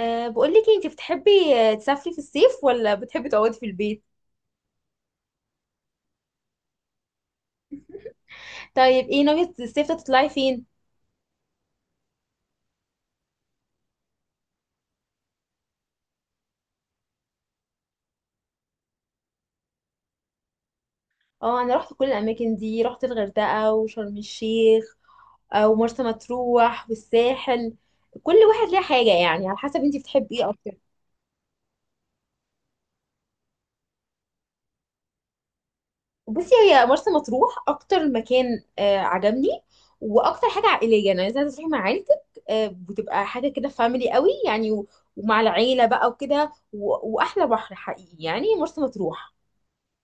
أه بقولك إيه، انتي بتحبي تسافري في الصيف ولا بتحبي تقعدي في البيت؟ طيب ايه ناوية الصيف ده تطلعي فين؟ اه انا رحت كل الاماكن دي، رحت الغردقة وشرم الشيخ ومرسى مطروح والساحل. كل واحد ليه حاجة يعني، على حسب انتي بتحبي ايه اكتر. بصي، هي مرسى مطروح اكتر مكان عجبني، واكتر حاجة عائلية، يعني عايزة تروحي مع عيلتك. بتبقى حاجة كده فاميلي قوي يعني ومع العيلة بقى وكده واحلى بحر حقيقي يعني مرسى مطروح.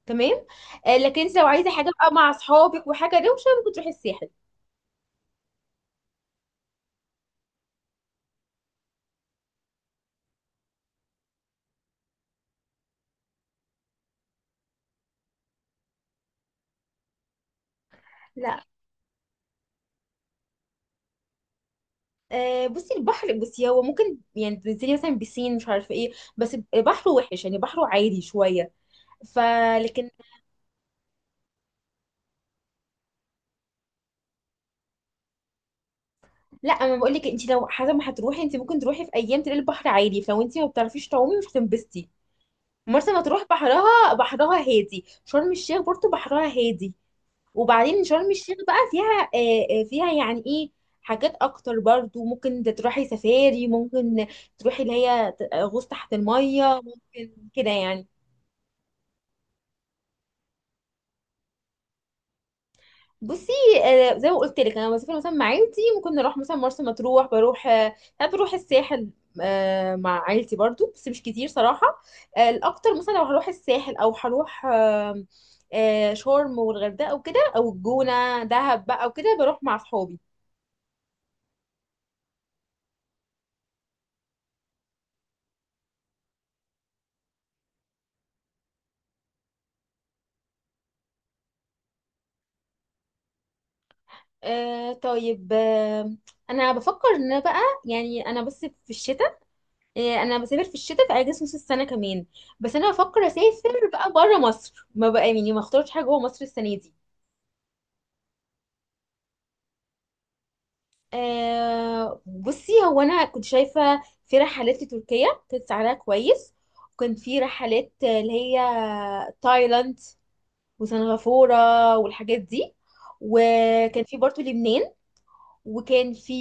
تمام. لكن انت لو عايزه حاجه بقى مع اصحابك وحاجه دوشه ممكن تروحي الساحل. لا، بصي البحر، بصي هو ممكن يعني تنزلي مثلا بسين مش عارفه ايه، بس بحره وحش يعني، بحره عادي شويه. فلكن، لا انا بقول لك، انت لو حسب ما هتروحي انت ممكن تروحي في ايام تلاقي البحر عادي، فلو انت ما بتعرفيش تعومي مش هتنبسطي. مرسى مطروح بحرها هادي، شرم الشيخ برضه بحرها هادي. وبعدين شرم الشيخ بقى فيها فيها يعني ايه، حاجات اكتر برضو، ممكن انت تروحي سفاري، ممكن تروحي اللي هي غوص تحت المية ممكن كده يعني. بصي، زي ما قلت لك، انا بسافر مثلا مع عيلتي، ممكن نروح مثلا مرسى مطروح بروح، ساعات بروح الساحل مع عيلتي برضو بس مش كتير صراحة. الاكتر مثلا لو هروح الساحل او هروح شرم والغردقة وكده، او الجونة دهب بقى وكده بروح مع صحابي. آه طيب. انا بفكر ان أنا بقى، يعني انا بس في الشتاء، آه انا بسافر في الشتاء في اجازه نص السنه كمان. بس انا بفكر اسافر بقى بره مصر، ما بقى يعني ما اختارش حاجه جوه مصر السنه دي. بصي، هو انا كنت شايفه في رحلات لتركيا كانت سعرها كويس، وكان في رحلات اللي هي تايلاند وسنغافوره والحاجات دي، وكان في برضه لبنان، وكان في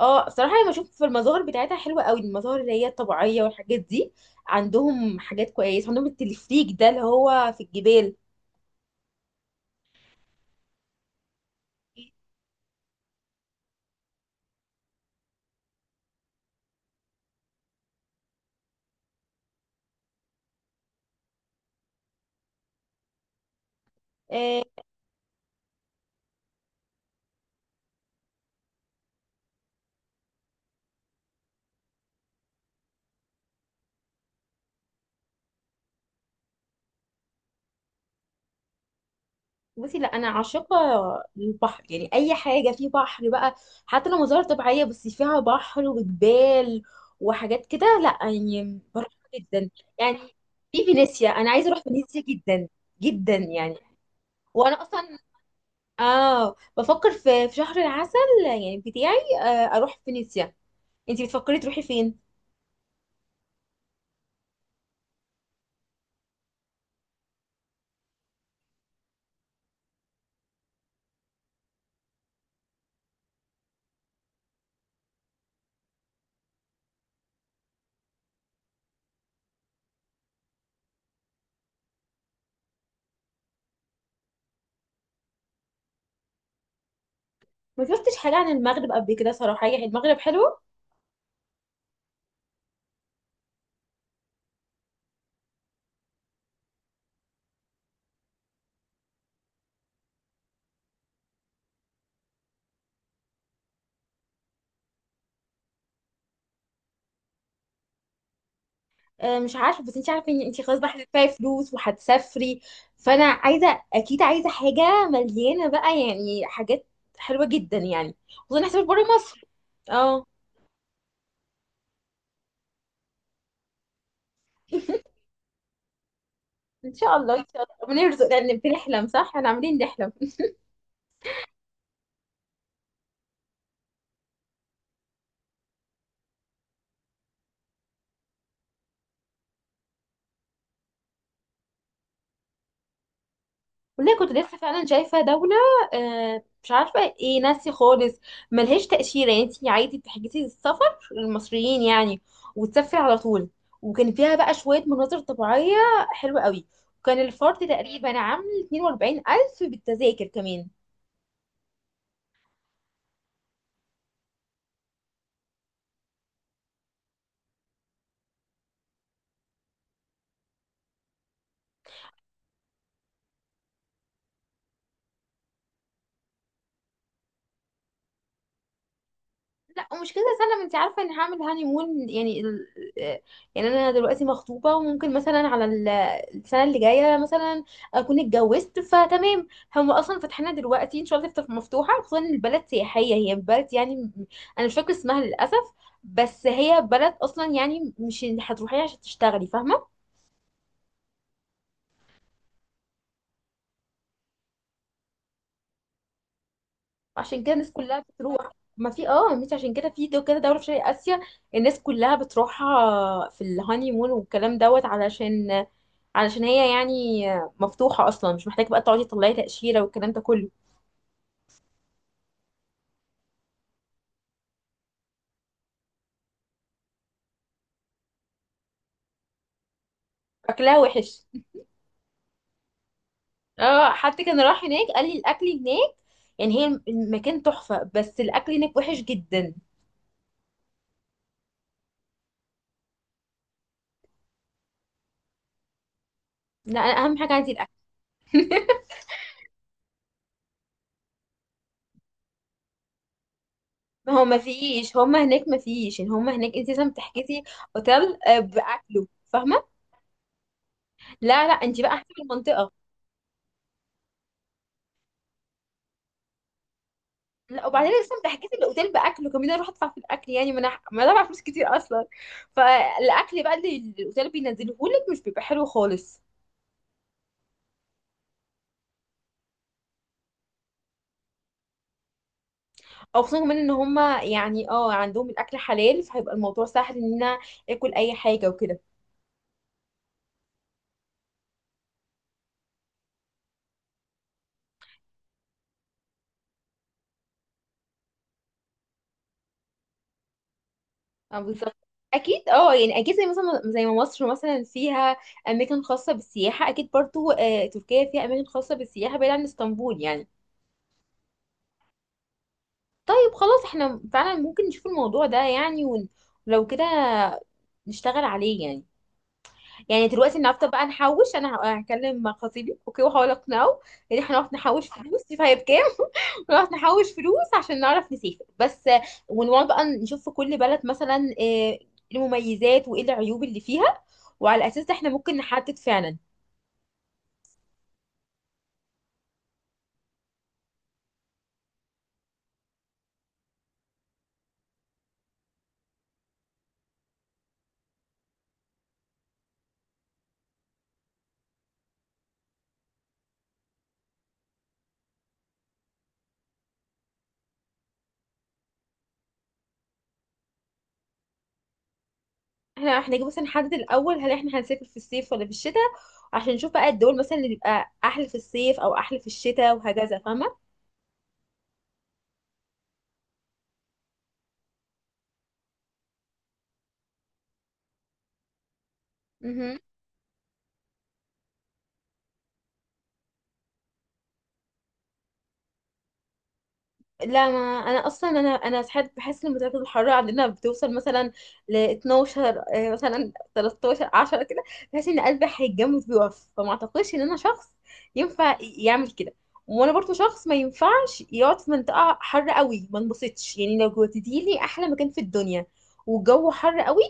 اه صراحة انا بشوف في المظاهر بتاعتها حلوة قوي، المظاهر اللي هي الطبيعية والحاجات دي. عندهم حاجات كويسة، عندهم التلفريك ده اللي هو في الجبال. آه، بصي لا، انا عاشقة البحر يعني، اي حاجة فيه بحر بقى، حتى لو مظاهر طبيعية بس فيها بحر وجبال وحاجات كده، لا يعني بروح جدا، يعني في فينيسيا انا عايزة اروح فينيسيا جدا جدا يعني. وانا اصلا اه بفكر في شهر العسل يعني، بتاعي اروح فينيسيا. انتي بتفكري تروحي فين؟ ما شفتش حاجه عن المغرب قبل كده صراحه، يعني المغرب حلو. مش عارفه، بس انتي عارفه ان انتي خلاص بقى هتدفعي فلوس وهتسافري، فانا عايزه اكيد، عايزه حاجه مليانه بقى يعني، حاجات حلوه جدا يعني، وخصوصا هسافر بره مصر. اه ان شاء الله ان شاء الله بنرزق، لان بنحلم صح، احنا عاملين نحلم. والله كنت لسه فعلا شايفة دولة، مش عارفة ايه، ناسي خالص. ملهاش تأشيرة يعني، انتي عادي بتحجزي السفر للمصريين يعني وتسافري على طول، وكان فيها بقى شوية مناظر طبيعية حلوة قوي، وكان الفرد تقريبا عامل 42 ألف بالتذاكر كمان. لا ومش كده سلم، انت عارفه اني هعمل هاني مون يعني يعني انا دلوقتي مخطوبه، وممكن مثلا على السنه اللي جايه مثلا اكون اتجوزت فتمام. هم اصلا فاتحينها دلوقتي، ان شاء الله تفتح مفتوحه، خصوصا ان البلد سياحيه، هي بلد يعني انا مش فاكره اسمها للاسف، بس هي بلد اصلا يعني مش هتروحيها عشان تشتغلي، فاهمه. عشان كده الناس كلها بتروح. ما في اه، مش عشان كده، في دو كده دولة في شرق آسيا الناس كلها بتروحها في الهاني مون والكلام دوت، علشان علشان هي يعني مفتوحة أصلا، مش محتاجة بقى تقعدي تطلعي تأشيرة والكلام ده كله. أكلها وحش. اه حد كان راح هناك قال لي الأكل هناك يعني، هي المكان تحفة بس الأكل هناك وحش جدا. لا أنا أهم حاجة عندي الأكل. ما هو ما فيش، هما هناك ما فيش يعني، هما هناك انت لازم تحجزي اوتيل بأكله، فاهمة. لا لا، انت بقى حسب المنطقة. لا، وبعدين لسه ضحكت الاوتيل باكل، وكمان اروح ادفع في الاكل يعني، ما انا ما أنا دافعه فلوس كتير اصلا، فالاكل بقى اللي الاوتيل بينزله لك مش بيبقى حلو خالص. او خصوصا كمان ان هما يعني اه عندهم الاكل حلال، فهيبقى الموضوع سهل ان انا اكل اي حاجه وكده. اه بالظبط. اكيد اه يعني اكيد، زي مثلا زي ما مصر مثلا فيها اماكن خاصه بالسياحه، اكيد برضو آه تركيا فيها اماكن خاصه بالسياحه بعيد عن اسطنبول يعني. طيب خلاص احنا فعلا ممكن نشوف الموضوع ده يعني ولو كده نشتغل عليه يعني. يعني دلوقتي النهارده بقى نحوش، انا هكلم مع خطيبي اوكي، واحاول اقنعه ان احنا نقعد نحوش فلوس، شوف هي بكام ونقعد نحوش فلوس عشان نعرف نسافر. بس ونقعد بقى نشوف في كل بلد مثلا ايه المميزات وايه العيوب اللي فيها، وعلى الاساس ده احنا ممكن نحدد فعلا. احنا جاي مثلا نحدد الاول هل احنا هنسافر في الصيف ولا في الشتاء، عشان نشوف بقى الدول مثلا اللي بيبقى احلى في الصيف او احلى في الشتاء وهكذا. فاهمه. لا ما انا اصلا، انا ساعات بحس ان درجه الحراره عندنا بتوصل مثلا ل 12 مثلا 13 10 كده، بحس ان قلبي هيتجمد ويقف، فما اعتقدش ان انا شخص ينفع يعمل كده. وانا برضو شخص ما ينفعش يقعد في منطقه حر قوي، ما انبسطش يعني، لو جوتتي لي احلى مكان في الدنيا والجو حر قوي،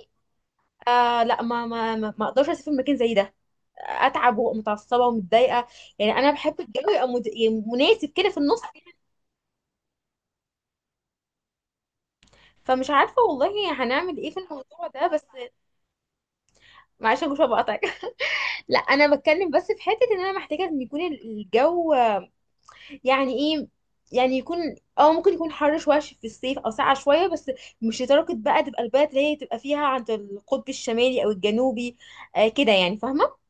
لا ما اقدرش اسافر مكان زي ده، اتعب ومتعصبه ومتضايقه يعني. انا بحب الجو يبقى يعني مناسب كده في النص. فمش عارفة والله هنعمل ايه في الموضوع ده، بس معلش يا جوشة بقطعك. لا انا بتكلم، بس في حتة ان انا محتاجة ان يكون الجو يعني ايه، يعني يكون اه ممكن يكون حر شوية في الصيف او ساقعة شوية، بس مش لدرجة بقى تبقى البلد اللي هي تبقى فيها عند القطب الشمالي او الجنوبي، آه كده يعني، فاهمة.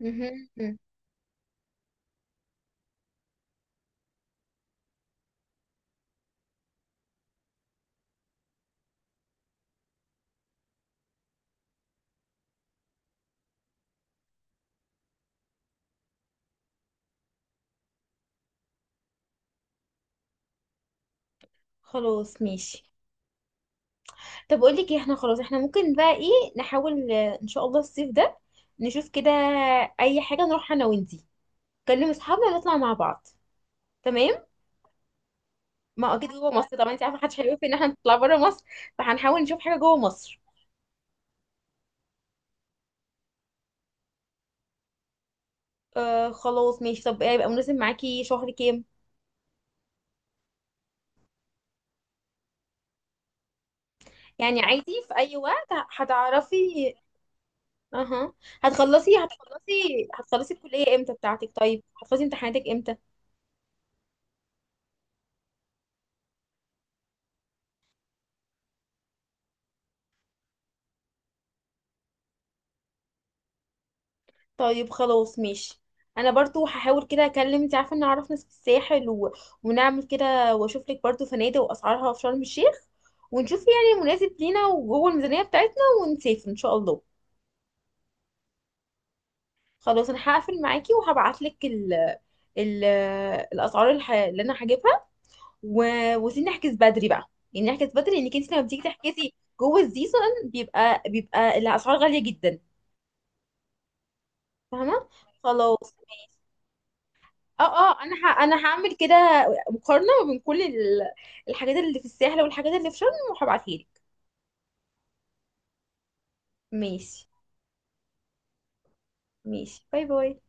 مهم. مم. خلاص ماشي. طب اقول لك ايه، احنا خلاص، احنا ممكن بقى ايه نحاول ان شاء الله الصيف ده نشوف كده اي حاجة نروح انا وانتي، نكلم اصحابنا ونطلع مع بعض. تمام. ما هو اكيد جوه مصر طبعا، انت عارفه محدش هيوافق ان احنا نطلع بره مصر، فهنحاول نشوف حاجه جوه مصر. آه خلاص ماشي. طب ايه هيبقى مناسب معاكي شهر كام؟ يعني عادي في اي وقت هتعرفي. اها. هتخلصي الكليه امتى بتاعتك؟ طيب هتخلصي امتحاناتك امتى؟ طيب خلاص ماشي. انا برضو هحاول كده اكلم، انت عارفه ان اعرف ناس في الساحل ونعمل كده، واشوف لك برضو فنادق واسعارها في شرم الشيخ، ونشوف يعني مناسب لينا وجوه الميزانيه بتاعتنا، ونسافر ان شاء الله. خلاص. انا هقفل معاكي وهبعت لك ال ال الاسعار اللي انا هجيبها و... وسيبني احجز بدري بقى يعني، احجز بدري لانك انت لما بتيجي تحجزي جوه السيزون بيبقى الاسعار غاليه جدا، فاهمه. خلاص ماشي. اه اه، انا انا هعمل كده مقارنه ما بين كل الحاجات اللي في الساحل والحاجات اللي في شرم، وهبعتها لك. ماشي. ماشي باي باي.